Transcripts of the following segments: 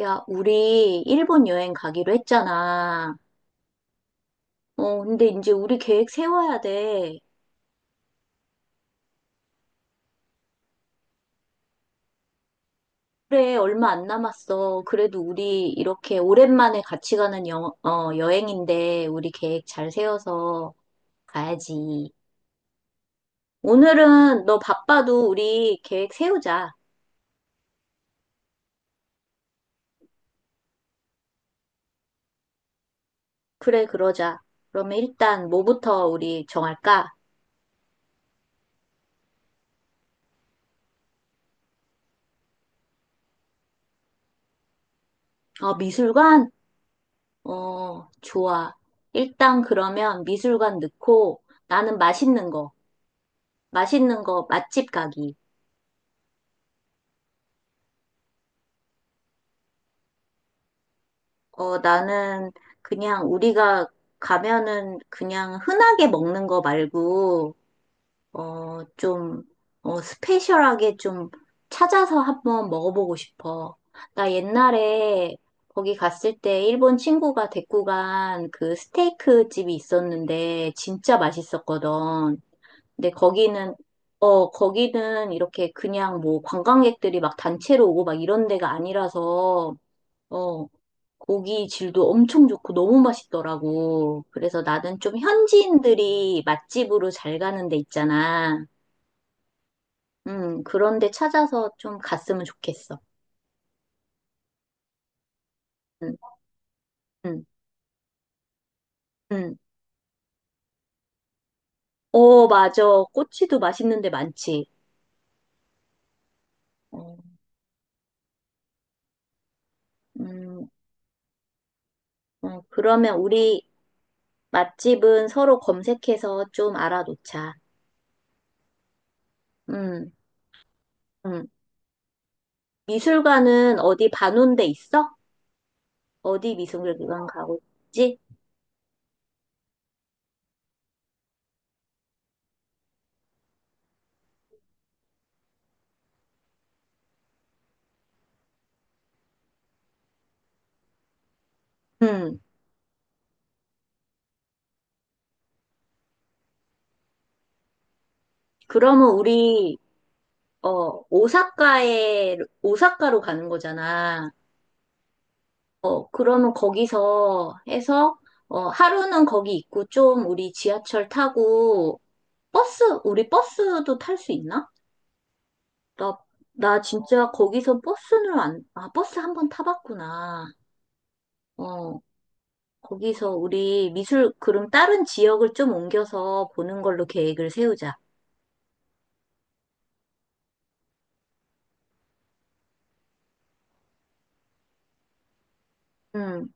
야, 우리 일본 여행 가기로 했잖아. 근데 이제 우리 계획 세워야 돼. 그래, 얼마 안 남았어. 그래도 우리 이렇게 오랜만에 같이 가는 여행인데 우리 계획 잘 세워서 가야지. 오늘은 너 바빠도 우리 계획 세우자. 그래, 그러자. 그러면 일단 뭐부터 우리 정할까? 미술관? 좋아. 일단 그러면 미술관 넣고 나는 맛있는 거. 맛있는 거 맛집 가기. 나는 그냥 우리가 가면은 그냥 흔하게 먹는 거 말고, 좀, 스페셜하게 좀 찾아서 한번 먹어보고 싶어. 나 옛날에 거기 갔을 때 일본 친구가 데리고 간 그 스테이크 집이 있었는데 진짜 맛있었거든. 근데 거기는 이렇게 그냥 뭐 관광객들이 막 단체로 오고 막 이런 데가 아니라서, 어, 고기 질도 엄청 좋고 너무 맛있더라고. 그래서 나는 좀 현지인들이 맛집으로 잘 가는 데 있잖아. 그런 데 찾아서 좀 갔으면 좋겠어. 음, 음, 음. 맞아. 꼬치도 맛있는 데 많지. 어, 음, 그러면 우리 맛집은 서로 검색해서 좀 알아놓자. 음, 음. 미술관은 어디 봐놓은 데 있어? 어디 미술관 가고 있지? 음, 그러면 우리 어, 오사카에, 오사카로 가는 거잖아. 그러면 거기서 해서, 하루는 거기 있고, 좀 우리 지하철 타고, 우리 버스도 탈 수 있나? 나, 나 진짜 거기서 버스는 안, 아, 버스 한번 타봤구나. 어, 거기서 그럼 다른 지역을 좀 옮겨서 보는 걸로 계획을 세우자. 응,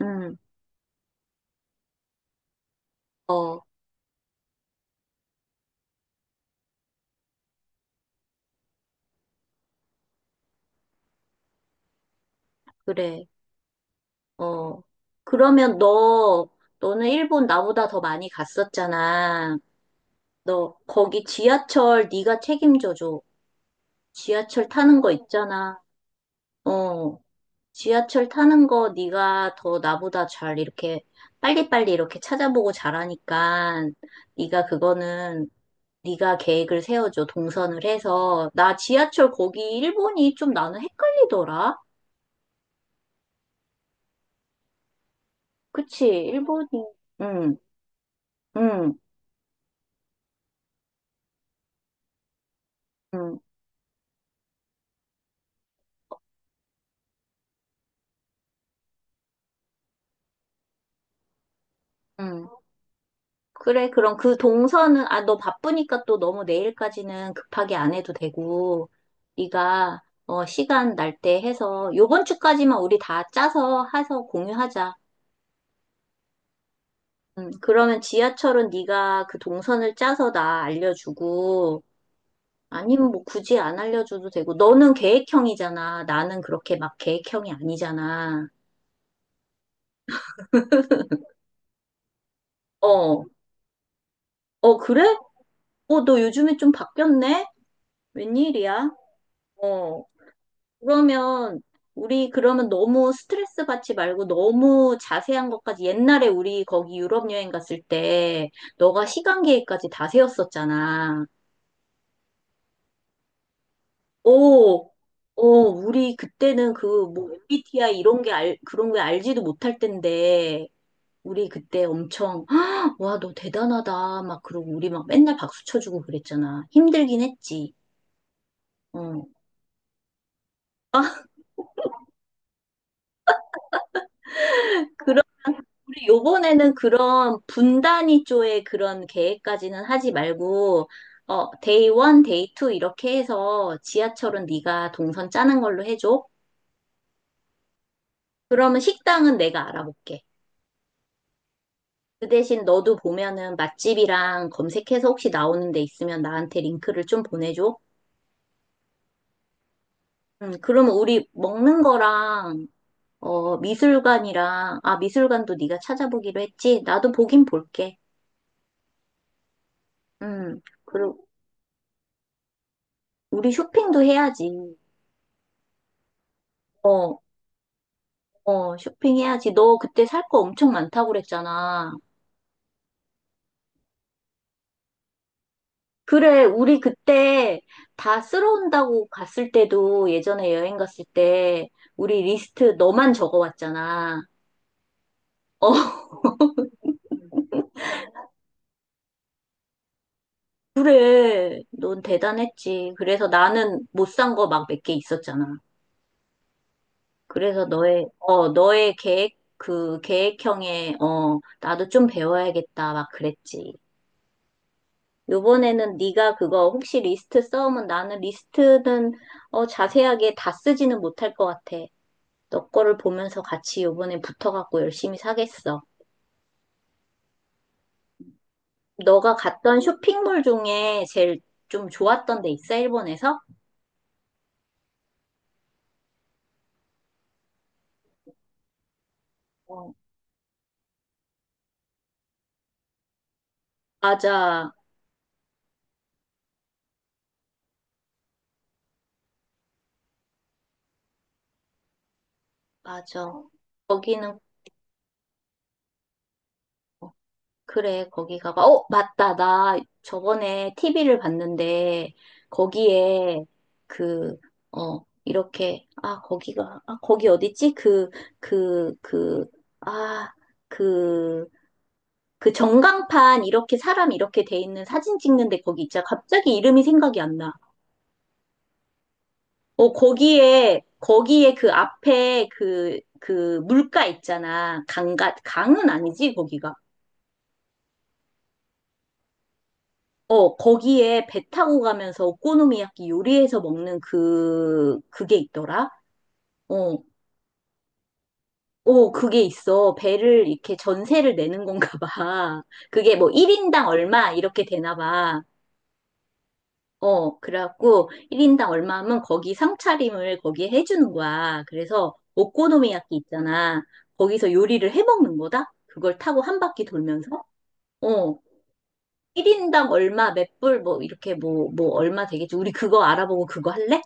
응, 어, 그래. 어. 그러면 너는 일본 나보다 더 많이 갔었잖아. 너 거기 지하철 네가 책임져줘. 지하철 타는 거 있잖아. 어. 지하철 타는 거 네가 더 나보다 잘 이렇게 빨리빨리 이렇게 찾아보고 잘하니까 네가 그거는 네가 계획을 세워줘. 동선을 해서. 나 지하철 거기 일본이 좀 나는 헷갈리더라. 그치? 일본이. 응, 응, 응, 응. 그래, 그럼 그 동선은, 아, 너 바쁘니까 또 너무 내일까지는 급하게 안 해도 되고, 네가, 시간 날 때 해서, 요번 주까지만 우리 다 짜서 해서 공유하자. 그러면 지하철은 네가 그 동선을 짜서 나 알려주고, 아니면 뭐 굳이 안 알려줘도 되고, 너는 계획형이잖아. 나는 그렇게 막 계획형이 아니잖아. 어, 어, 그래? 너 요즘에 좀 바뀌었네? 웬일이야? 어. 그러면 우리 그러면 너무 스트레스 받지 말고 너무 자세한 것까지 옛날에 우리 거기 유럽 여행 갔을 때 너가 시간 계획까지 다 세웠었잖아. 오, 우리 그때는 그 뭐 MBTI 이런 게 그런 게 알지도 못할 텐데 우리 그때 엄청 "헉, 와, 너 대단하다 막 그러고 우리 막 맨날 박수 쳐주고 그랬잖아. 힘들긴 했지. 어. 우리 요번에는 그런 분단위 쪽의 그런 계획까지는 하지 말고, 데이 원, 데이 투 이렇게 해서 지하철은 네가 동선 짜는 걸로 해줘. 그러면 식당은 내가 알아볼게. 그 대신 너도 보면은 맛집이랑 검색해서 혹시 나오는 데 있으면 나한테 링크를 좀 보내줘. 그러면 우리 먹는 거랑 미술관이랑 미술관도 네가 찾아보기로 했지. 나도 보긴 볼게. 음. 그리고 우리 쇼핑도 해야지. 어, 어, 쇼핑해야지. 너 그때 살 거 엄청 많다고 그랬잖아. 그래, 우리 그때 다 쓸어온다고 갔을 때도 예전에 여행 갔을 때 우리 리스트 너만 적어왔잖아. 어, 그래. 넌 대단했지. 그래서 나는 못 산 거 막 몇 개 있었잖아. 그래서 너의 그 계획형에, 나도 좀 배워야겠다. 막 그랬지. 요번에는 네가 그거 혹시 리스트 써오면 나는 리스트는 자세하게 다 쓰지는 못할 것 같아. 너 거를 보면서 같이 요번에 붙어갖고 열심히 사겠어. 너가 갔던 쇼핑몰 중에 제일 좀 좋았던 데 있어, 일본에서? 어. 맞아, 맞아. 거기는 그래, 거기 가봐. 맞다. 나 저번에 TV를 봤는데, 거기에 그, 이렇게, 거기 어딨지? 그, 그, 아, 그, 그 전광판 이렇게 사람 이렇게 돼 있는 사진 찍는데 거기 있잖아. 갑자기 이름이 생각이 안 나. 거기에 그 앞에 그 물가 있잖아. 강가, 강은 아니지, 거기가. 거기에 배 타고 가면서 오코노미야끼 요리해서 먹는 그게 있더라? 어, 어, 그게 있어. 배를 이렇게 전세를 내는 건가 봐. 그게 뭐 1인당 얼마? 이렇게 되나 봐. 그래갖고 1인당 얼마 하면 거기 상차림을 거기에 해주는 거야. 그래서 오코노미야끼 있잖아. 거기서 요리를 해 먹는 거다? 그걸 타고 한 바퀴 돌면서? 어. 1인당 얼마, 몇 불, 뭐, 이렇게 뭐, 얼마 되겠지. 우리 그거 알아보고 그거 할래?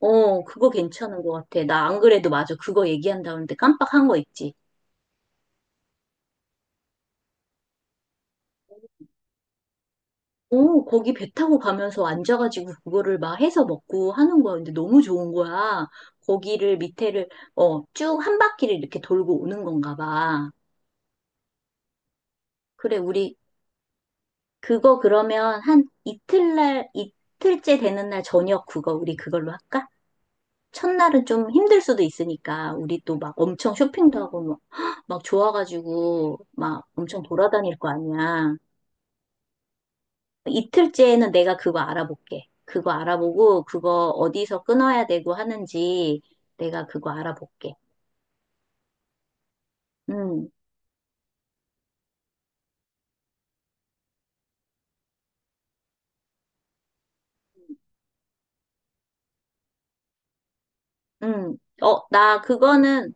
그거 괜찮은 것 같아. 나 안 그래도 맞아. 그거 얘기한다는데 깜빡한 거 있지. 거기 배 타고 가면서 앉아가지고 그거를 막 해서 먹고 하는 거야. 근데 너무 좋은 거야. 거기를 밑에를, 쭉 한 바퀴를 이렇게 돌고 오는 건가 봐. 그래, 우리 그거 그러면 한 이틀째 되는 날 저녁 그거 우리 그걸로 할까? 첫날은 좀 힘들 수도 있으니까 우리 또 막 엄청 쇼핑도 하고 막, 막 좋아가지고 막 엄청 돌아다닐 거 아니야. 이틀째에는 내가 그거 알아볼게. 그거 알아보고 그거 어디서 끊어야 되고 하는지 내가 그거 알아볼게. 음, 음. 어, 나 그거는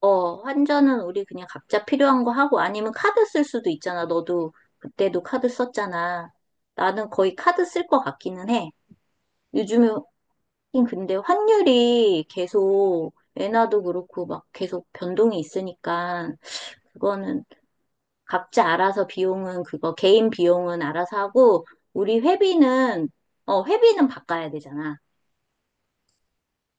환전은 우리 그냥 각자 필요한 거 하고 아니면 카드 쓸 수도 있잖아. 너도 그때도 카드 썼잖아. 나는 거의 카드 쓸 것 같기는 해. 요즘에 하긴 근데 환율이 계속 엔화도 그렇고 막 계속 변동이 있으니까 그거는 각자 알아서 비용은 그거 개인 비용은 알아서 하고 우리 회비는 바꿔야 되잖아.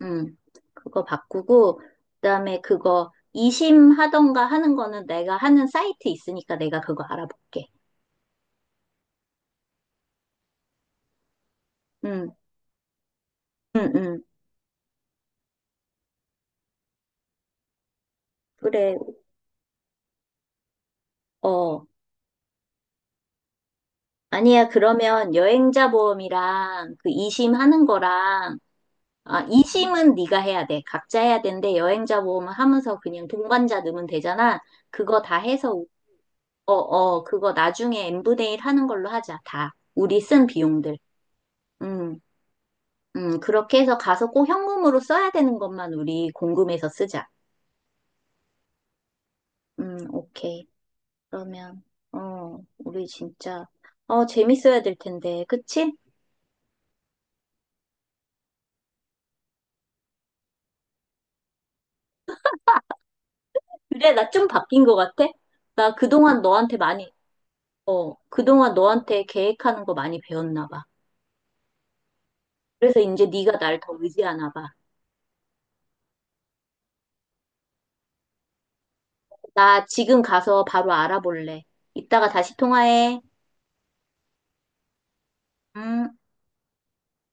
음. 그거 바꾸고 그다음에 그거 이심하던가 하는 거는 내가 하는 사이트 있으니까 내가 그거 알아볼게. 음. 음, 음. 그래. 어. 아니야. 그러면 여행자 보험이랑 그 이심하는 거랑 아, 이심은 네가 해야 돼. 각자 해야 되는데 여행자 보험 하면서 그냥 동반자 넣으면 되잖아. 그거 다 해서 어, 어, 그거 나중에 엠브데일 하는 걸로 하자, 다. 우리 쓴 비용들. 음, 그렇게 해서 가서 꼭 현금으로 써야 되는 것만 우리 공금해서 쓰자. 오케이. 그러면, 우리 진짜, 재밌어야 될 텐데, 그치? 그래, 나 좀 바뀐 것 같아? 나 그동안 너한테 많이, 어, 그동안 너한테 계획하는 거 많이 배웠나 봐. 그래서 이제 네가 날 더 의지하나 봐. 나 지금 가서 바로 알아볼래. 이따가 다시 통화해. 음.